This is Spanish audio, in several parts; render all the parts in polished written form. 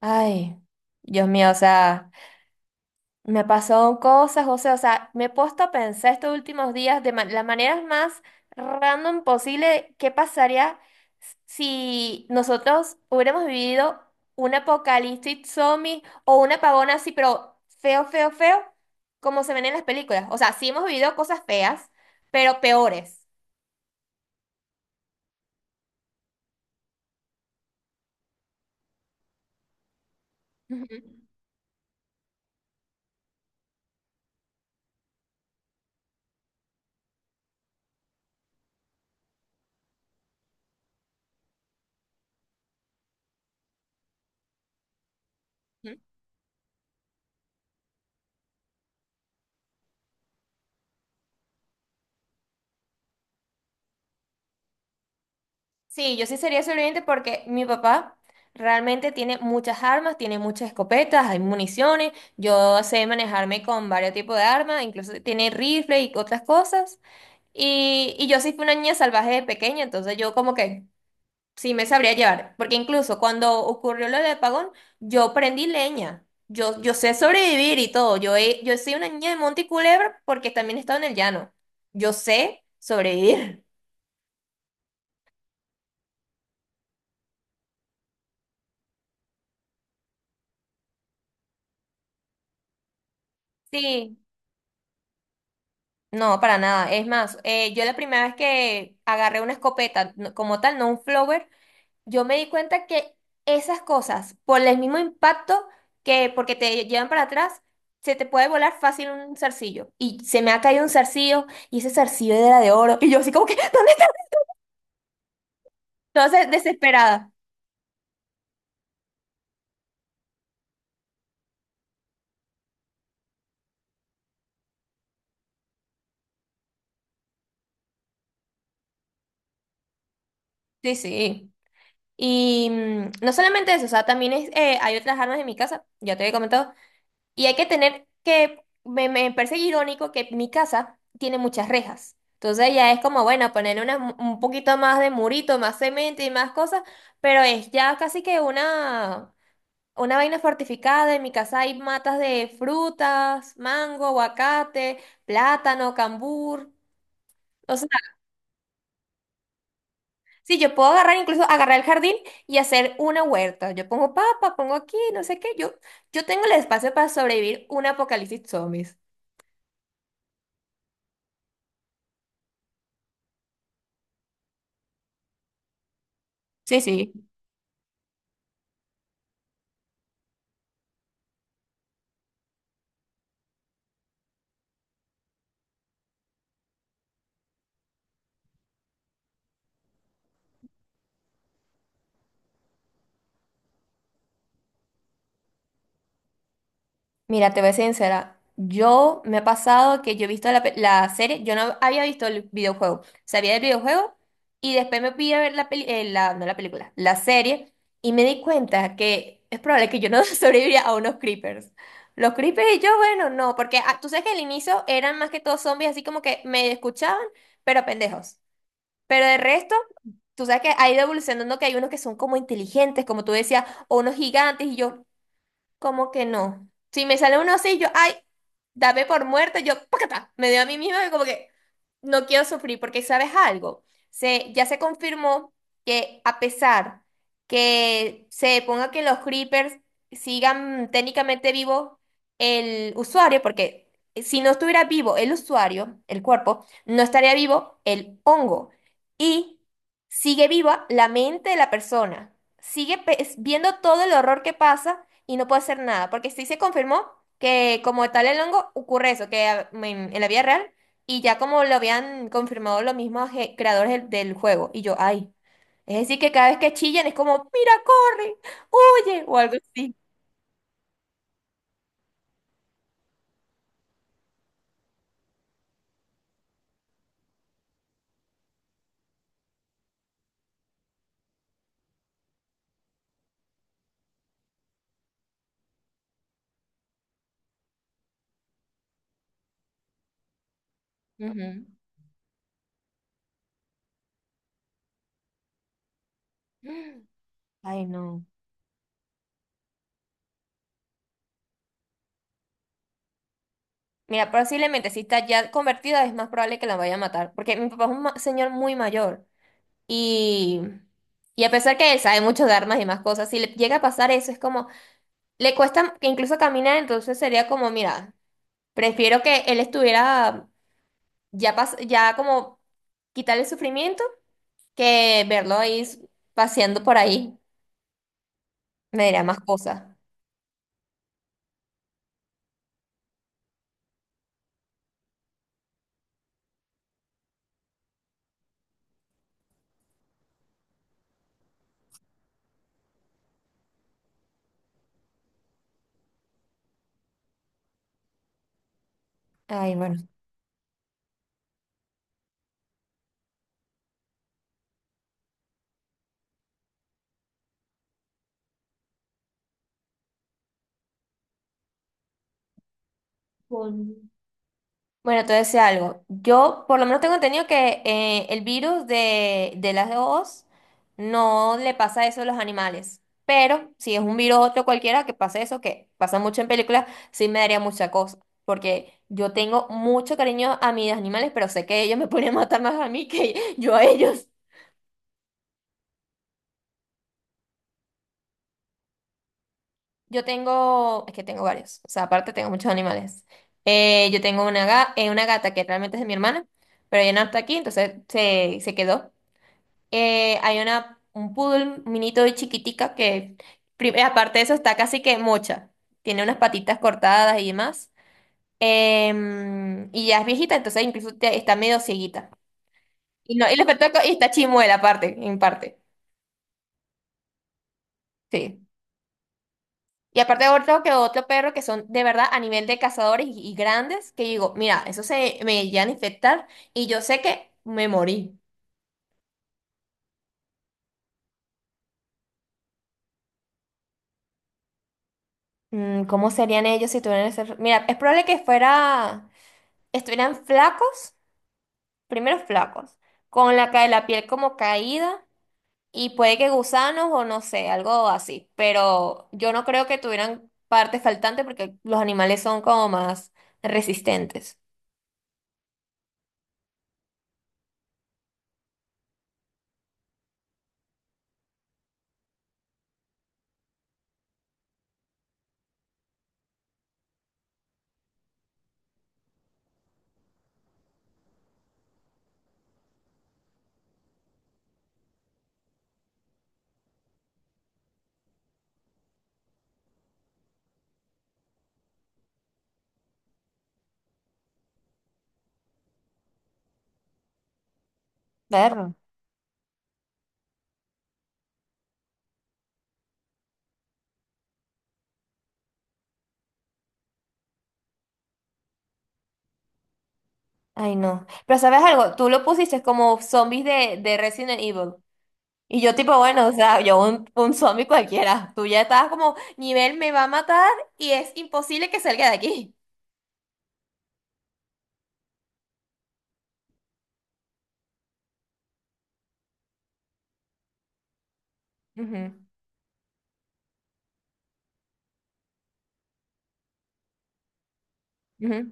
Ay, Dios mío, o sea, me pasó cosas, José, o sea, me he puesto a pensar estos últimos días de las maneras más random posible, de qué pasaría si nosotros hubiéramos vivido un apocalipsis zombie o un apagón así, pero feo, feo, feo, como se ven en las películas. O sea, sí hemos vivido cosas feas, pero peores. Ujú. Sí, yo sí sería sobreviviente porque mi papá realmente tiene muchas armas, tiene muchas escopetas, hay municiones. Yo sé manejarme con varios tipos de armas, incluso tiene rifle y otras cosas. Y yo sí fui una niña salvaje de pequeña, entonces yo como que sí me sabría llevar. Porque incluso cuando ocurrió lo del apagón, yo prendí leña. Yo sé sobrevivir y todo. Yo, yo soy una niña de monte y culebra porque también he estado en el llano. Yo sé sobrevivir. Sí. No, para nada. Es más, yo la primera vez que agarré una escopeta como tal, no un flower, yo me di cuenta que esas cosas, por el mismo impacto que porque te llevan para atrás, se te puede volar fácil un zarcillo. Y se me ha caído un zarcillo y ese zarcillo era de oro. Y yo así como que, ¿dónde? Entonces, desesperada. Sí, sí. Y no solamente eso, o sea, también es, hay otras armas en mi casa, ya te había comentado. Y hay que tener que, me parece irónico que mi casa tiene muchas rejas. Entonces ya es como, bueno, ponerle un poquito más de murito, más cemento y más cosas, pero es ya casi que una vaina fortificada. En mi casa hay matas de frutas, mango, aguacate, plátano, cambur. O sea, sí, yo puedo agarrar, incluso agarrar el jardín y hacer una huerta. Yo pongo papa, pongo aquí, no sé qué. Yo tengo el espacio para sobrevivir un apocalipsis zombies. Sí, sí. Mira, te voy a ser sincera. Yo me ha pasado que yo he visto la, la serie, yo no había visto el videojuego, sabía del videojuego y después me fui a ver la peli, la, no la película, la serie, y me di cuenta que es probable que yo no sobreviviría a unos creepers. Los creepers y yo, bueno, no, porque ah, tú sabes que al inicio eran más que todos zombies, así como que me escuchaban, pero pendejos. Pero de resto, tú sabes que ha ido evolucionando que hay unos que son como inteligentes, como tú decías, o unos gigantes y yo. ¿Como que no? Si me sale uno así, yo, ay, dame por muerta, yo, ¡pacata! Me dio a mí misma y como que no quiero sufrir, porque ¿sabes algo? Ya se confirmó que a pesar que se ponga que los creepers sigan técnicamente vivo el usuario, porque si no estuviera vivo el usuario, el cuerpo, no estaría vivo el hongo. Y sigue viva la mente de la persona. Sigue viendo todo el horror que pasa y no puedo hacer nada, porque sí se confirmó que como tal el hongo ocurre eso, que en la vida real, y ya como lo habían confirmado los mismos creadores del juego, y yo, ay, es decir, que cada vez que chillan es como, mira, corre, huye, o algo así. Ujú. Ay, no. Mira, posiblemente si está ya convertida es más probable que la vaya a matar, porque mi papá es un señor muy mayor, y… Y a pesar que él sabe mucho de armas y más cosas, si le llega a pasar eso, es como, le cuesta que incluso caminar, entonces sería como, mira, prefiero que él estuviera ya, ya como quitarle el sufrimiento que verlo ahí paseando por ahí. Me dirá más cosas. Ay, bueno. Bueno, te decía algo. Yo por lo menos tengo entendido que el virus de las dos no le pasa eso a los animales. Pero si es un virus otro cualquiera que pase eso, que pasa mucho en películas, sí me daría mucha cosa. Porque yo tengo mucho cariño a mis animales, pero sé que ellos me pueden matar más a mí que yo a ellos. Yo tengo, es que tengo varios. O sea, aparte tengo muchos animales. Yo tengo una, una gata que realmente es de mi hermana, pero ella no está aquí, entonces se quedó. Hay una, un poodle minito y chiquitica que, aparte de eso, está casi que mocha. Tiene unas patitas cortadas y demás. Y ya es viejita, entonces incluso está medio cieguita. Y, no, y, y está chimuela aparte, en parte. Sí. Y aparte otro que otro perro que son de verdad a nivel de cazadores y grandes, que digo, mira, eso se me llegan a infectar y yo sé que me morí. Mm, ¿cómo serían ellos si tuvieran ese… Mira, es probable que fuera… estuvieran flacos. Primero flacos, con la, la piel como caída y puede que gusanos o no sé, algo así. Pero yo no creo que tuvieran partes faltantes porque los animales son como más resistentes. Perro. Ay, no. Pero ¿sabes algo? Tú lo pusiste como zombies de Resident Evil. Y yo tipo, bueno, o sea, yo un zombie cualquiera. Tú ya estabas como, nivel me va a matar y es imposible que salga de aquí. Ujú, ujú.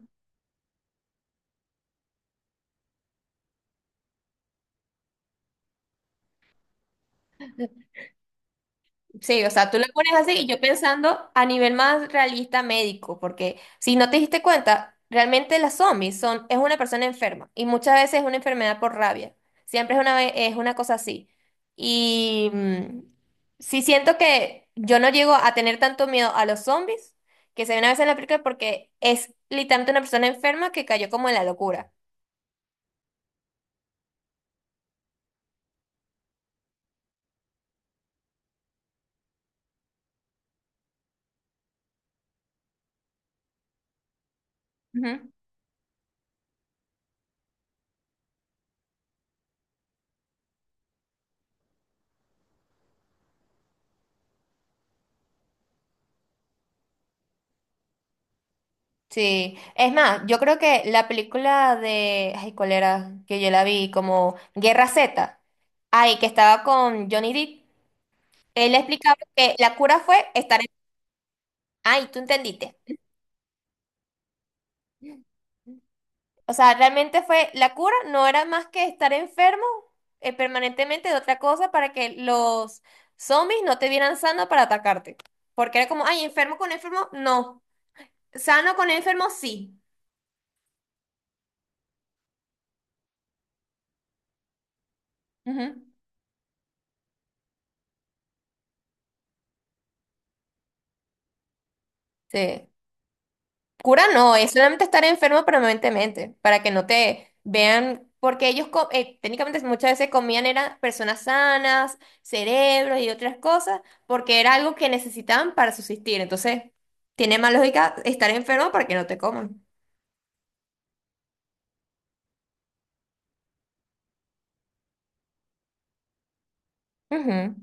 Sí, o sea, tú lo pones así y yo pensando a nivel más realista médico, porque si no te diste cuenta, realmente las zombies son, es una persona enferma y muchas veces es una enfermedad por rabia. Siempre es una, es una cosa así. Y sí siento que yo no llego a tener tanto miedo a los zombies que se ven a veces en la película porque es literalmente una persona enferma que cayó como en la locura. Ujú. Sí, es más, yo creo que la película de, ay, ¿cuál era? Que yo la vi como Guerra Z, ay, que estaba con Johnny Depp, él explicaba que la cura fue estar en… Ay, tú entendiste. O sea, realmente fue, la cura no era más que estar enfermo permanentemente de otra cosa para que los zombies no te vieran sano para atacarte. Porque era como, ay, enfermo con enfermo, no. Sano con enfermo, sí. Ujú. Sí. Cura no, es solamente estar enfermo permanentemente, para que no te vean, porque ellos técnicamente muchas veces comían eran personas sanas, cerebros y otras cosas, porque era algo que necesitaban para subsistir. Entonces, tiene más lógica estar enfermo para que no te coman. Ujú.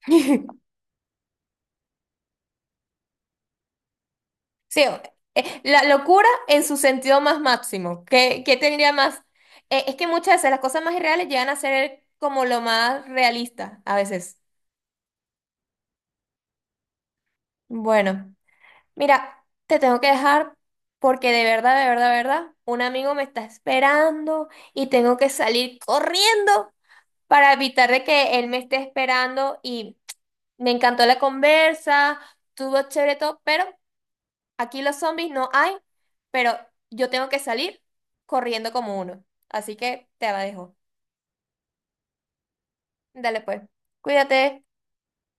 Sí, la locura en su sentido más máximo. ¿Qué, qué tendría más? Es que muchas veces las cosas más irreales llegan a ser como lo más realista, a veces. Bueno. Mira, te tengo que dejar porque de verdad, de verdad, de verdad, un amigo me está esperando y tengo que salir corriendo para evitar de que él me esté esperando y me encantó la conversa, estuvo chévere todo, pero aquí los zombies no hay, pero yo tengo que salir corriendo como uno. Así que te la dejo. Dale pues, cuídate.